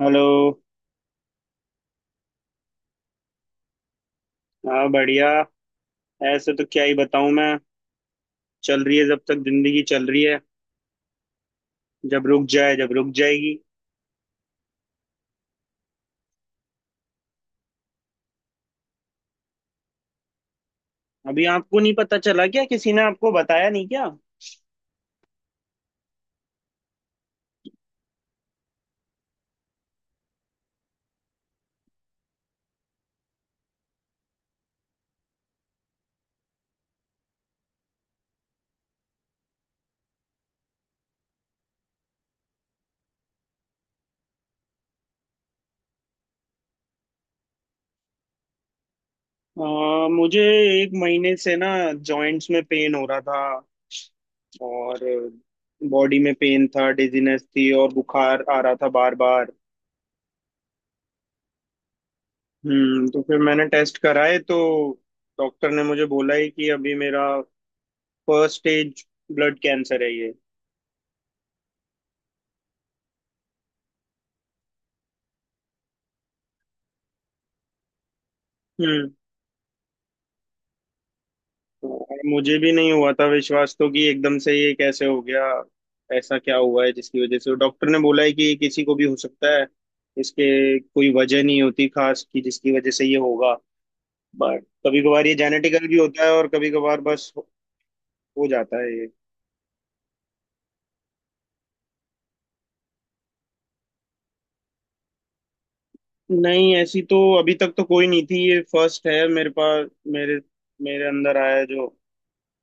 Hello. हाँ, बढ़िया। ऐसे तो क्या ही बताऊं मैं। चल रही है, जब तक जिंदगी चल रही है। जब रुक जाए, जब रुक जाएगी। अभी आपको नहीं पता चला क्या? किसी ने आपको बताया नहीं क्या? मुझे एक महीने से ना जॉइंट्स में पेन हो रहा था। और बॉडी में पेन था, डिजीनेस थी और बुखार आ रहा था बार बार। तो फिर मैंने टेस्ट कराए तो डॉक्टर ने मुझे बोला है कि अभी मेरा फर्स्ट स्टेज ब्लड कैंसर है ये। हम्म, और मुझे भी नहीं हुआ था विश्वास तो कि एकदम से ये कैसे हो गया। ऐसा क्या हुआ है जिसकी वजह से? डॉक्टर ने बोला है कि ये किसी को भी हो सकता है, इसके कोई वजह नहीं होती खास कि जिसकी वजह से ये होगा। बट कभी कभार ये जेनेटिकल भी होता है, और कभी कभार बस हो जाता है ये। नहीं, ऐसी तो अभी तक तो कोई नहीं थी, ये फर्स्ट है मेरे पास। मेरे मेरे अंदर आया है जो,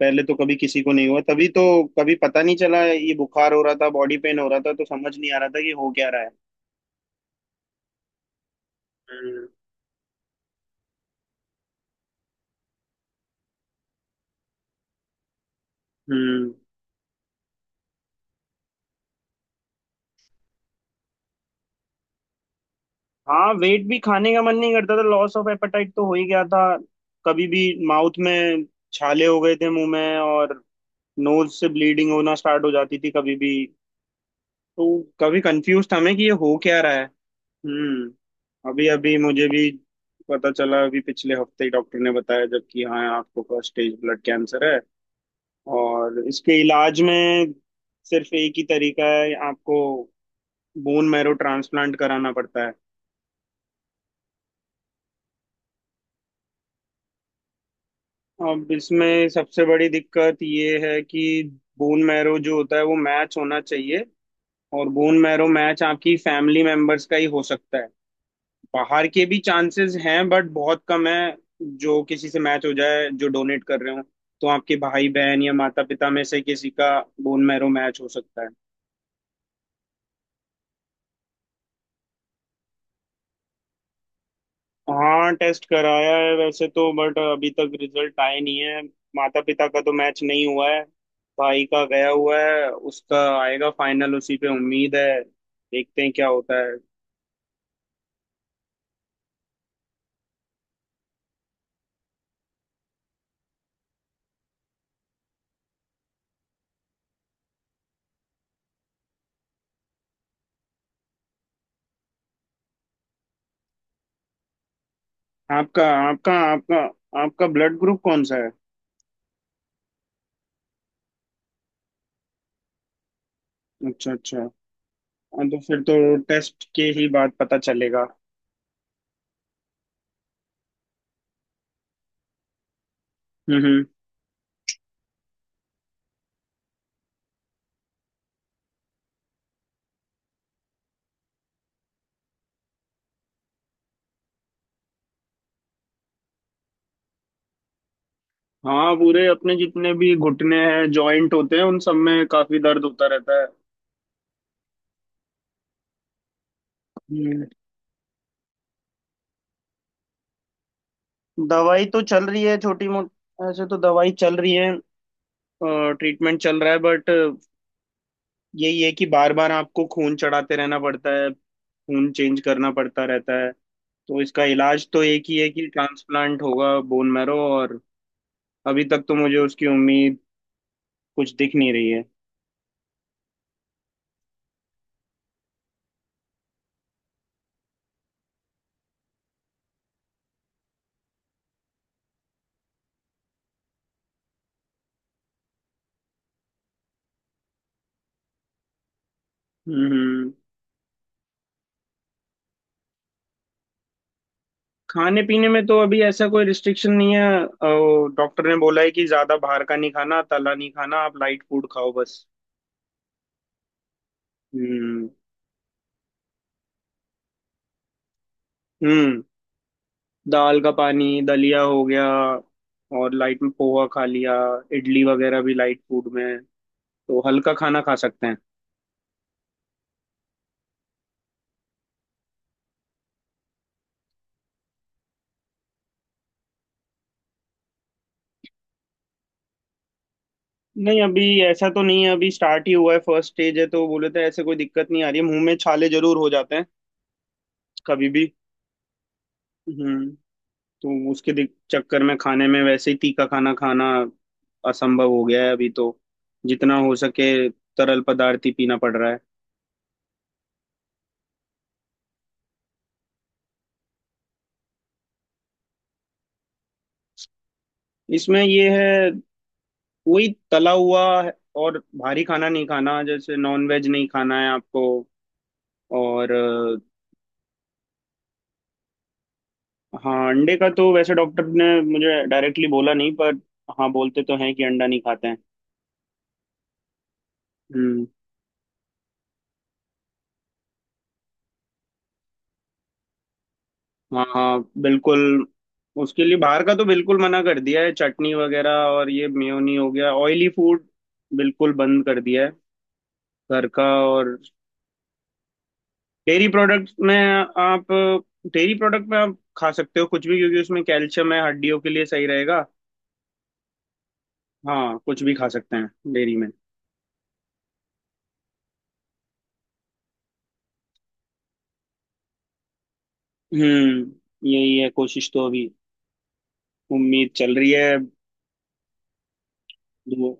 पहले तो कभी किसी को नहीं हुआ, तभी तो कभी पता नहीं चला। ये बुखार हो रहा था, बॉडी पेन हो रहा था, तो समझ नहीं आ रहा था कि हो क्या रहा है। हम्म। हाँ, वेट भी, खाने का मन नहीं करता था, लॉस ऑफ एपेटाइट तो हो ही गया था। कभी भी माउथ में छाले हो गए थे मुंह में, और नोज से ब्लीडिंग होना स्टार्ट हो जाती थी कभी भी। तो कभी कंफ्यूज था मैं कि ये हो क्या रहा है। अभी अभी मुझे भी पता चला, अभी पिछले हफ्ते ही डॉक्टर ने बताया जबकि, हाँ, आपको फर्स्ट स्टेज ब्लड कैंसर है। और इसके इलाज में सिर्फ एक ही तरीका है, आपको बोन मैरो ट्रांसप्लांट कराना पड़ता है। अब इसमें सबसे बड़ी दिक्कत ये है कि बोन मैरो जो होता है, वो मैच होना चाहिए, और बोन मैरो मैच आपकी फैमिली मेंबर्स का ही हो सकता है। बाहर के भी चांसेस हैं, बट बहुत कम है जो किसी से मैच हो जाए जो डोनेट कर रहे हो। तो आपके भाई बहन या माता पिता में से किसी का बोन मैरो मैच हो सकता है। हाँ, टेस्ट कराया है वैसे तो, बट अभी तक रिजल्ट आए नहीं है। माता पिता का तो मैच नहीं हुआ है, भाई का गया हुआ है, उसका आएगा फाइनल, उसी पे उम्मीद है, देखते हैं क्या होता है। आपका आपका आपका आपका ब्लड ग्रुप कौन सा है? अच्छा, अच्छा। हाँ, तो फिर तो टेस्ट के ही बाद पता चलेगा। हम्म। हम्म। हाँ, पूरे अपने जितने भी घुटने हैं, जॉइंट होते हैं, उन सब में काफी दर्द होता रहता है। हम्म। दवाई तो चल रही है, छोटी मोटी ऐसे तो दवाई चल रही है, ट्रीटमेंट चल रहा है। बट यही है कि बार बार आपको खून चढ़ाते रहना पड़ता है, खून चेंज करना पड़ता रहता है। तो इसका इलाज तो एक ही है कि ट्रांसप्लांट होगा बोन मैरो, और अभी तक तो मुझे उसकी उम्मीद कुछ दिख नहीं रही है। हम्म। खाने पीने में तो अभी ऐसा कोई रिस्ट्रिक्शन नहीं है। डॉक्टर ने बोला है कि ज्यादा बाहर का नहीं खाना, तला नहीं खाना, आप लाइट फूड खाओ बस। हम्म। हम्म। दाल का पानी, दलिया हो गया, और लाइट में पोहा खा लिया, इडली वगैरह भी लाइट फूड में है, तो हल्का खाना खा सकते हैं। नहीं, अभी ऐसा तो नहीं है, अभी स्टार्ट ही हुआ है, फर्स्ट स्टेज है, तो बोले थे ऐसे कोई दिक्कत नहीं आ रही है। मुंह में छाले जरूर हो जाते हैं कभी भी। हम्म तो उसके चक्कर में खाने में वैसे ही तीखा खाना, खाना असंभव हो गया है अभी तो। जितना हो सके तरल पदार्थ ही पीना पड़ रहा है। इसमें ये है, कोई तला हुआ और भारी खाना नहीं खाना, जैसे नॉन वेज नहीं खाना है आपको। और हाँ, अंडे का तो वैसे डॉक्टर ने मुझे डायरेक्टली बोला नहीं, पर हाँ, बोलते तो हैं कि अंडा नहीं खाते हैं। हम्म। हाँ, हाँ, बिल्कुल। उसके लिए बाहर का तो बिल्कुल मना कर दिया है, चटनी वगैरह, और ये मेयोनी हो गया, ऑयली फूड, बिल्कुल बंद कर दिया है, घर का। और डेयरी प्रोडक्ट में आप डेयरी प्रोडक्ट में आप खा सकते हो कुछ भी, क्योंकि उसमें कैल्शियम है, हड्डियों के लिए सही रहेगा। हाँ, कुछ भी खा सकते हैं डेयरी में। हम्म, यही है, कोशिश तो अभी उम्मीद चल रही है। धो-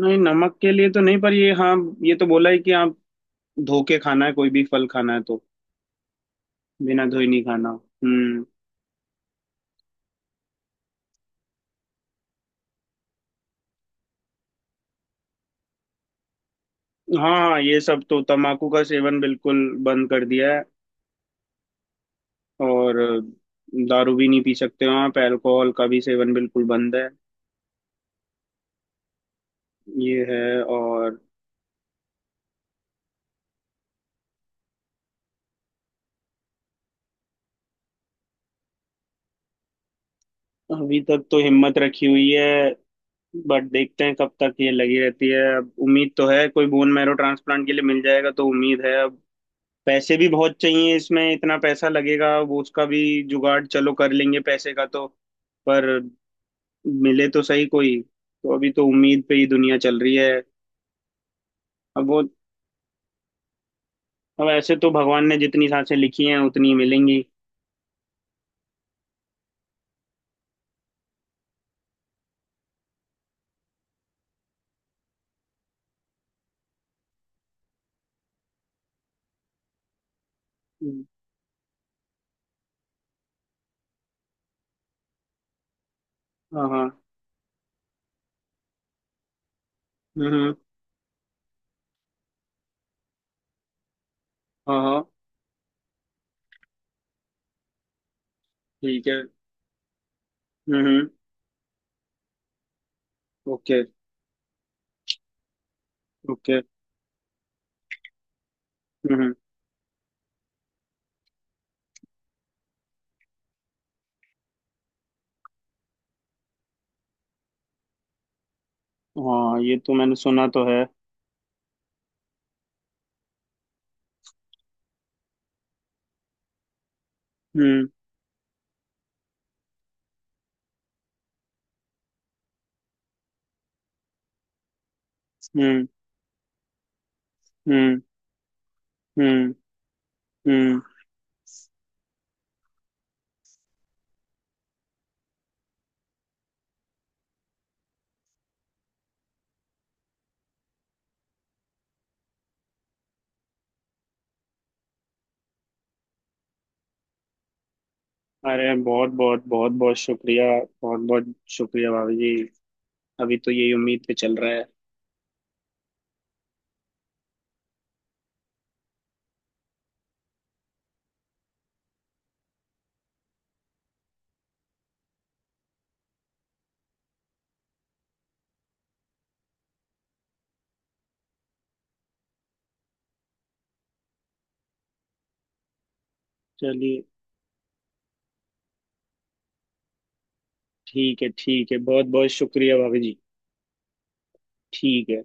नहीं, नमक के लिए तो नहीं, पर ये, हाँ, ये तो बोला है कि आप धो के खाना है, कोई भी फल खाना है तो बिना धोए नहीं खाना। हम्म। हाँ, हाँ, ये सब तो, तम्बाकू का सेवन बिल्कुल बंद कर दिया है। और दारू भी नहीं पी सकते हो आप, अल्कोहल का भी सेवन बिल्कुल बंद है। ये है। और अभी तक तो हिम्मत रखी हुई है, बट देखते हैं कब तक ये लगी रहती है। अब उम्मीद तो है कोई बोन मैरो ट्रांसप्लांट के लिए मिल जाएगा, तो उम्मीद है अब। पैसे भी बहुत चाहिए इसमें, इतना पैसा लगेगा, वो उसका भी जुगाड़ चलो कर लेंगे पैसे का तो, पर मिले तो सही कोई। तो अभी तो उम्मीद पे ही दुनिया चल रही है। अब वो, अब ऐसे तो भगवान ने जितनी सांसें लिखी हैं उतनी ही मिलेंगी। हम्म। हाँ, हाँ। हम्म। हम्म। हाँ, हाँ। ठीक है। हम्म। हम्म। ओके। ओके। हम्म। हम्म। हाँ, ये तो मैंने सुना तो है। हम्म। हम्म। हम्म। हम्म। हम्म। अरे, बहुत बहुत बहुत बहुत शुक्रिया। बहुत बहुत शुक्रिया, भाभी जी। अभी तो यही उम्मीद पे चल रहा है। चलिए, ठीक है, ठीक है, बहुत बहुत शुक्रिया, भाभी जी। ठीक है।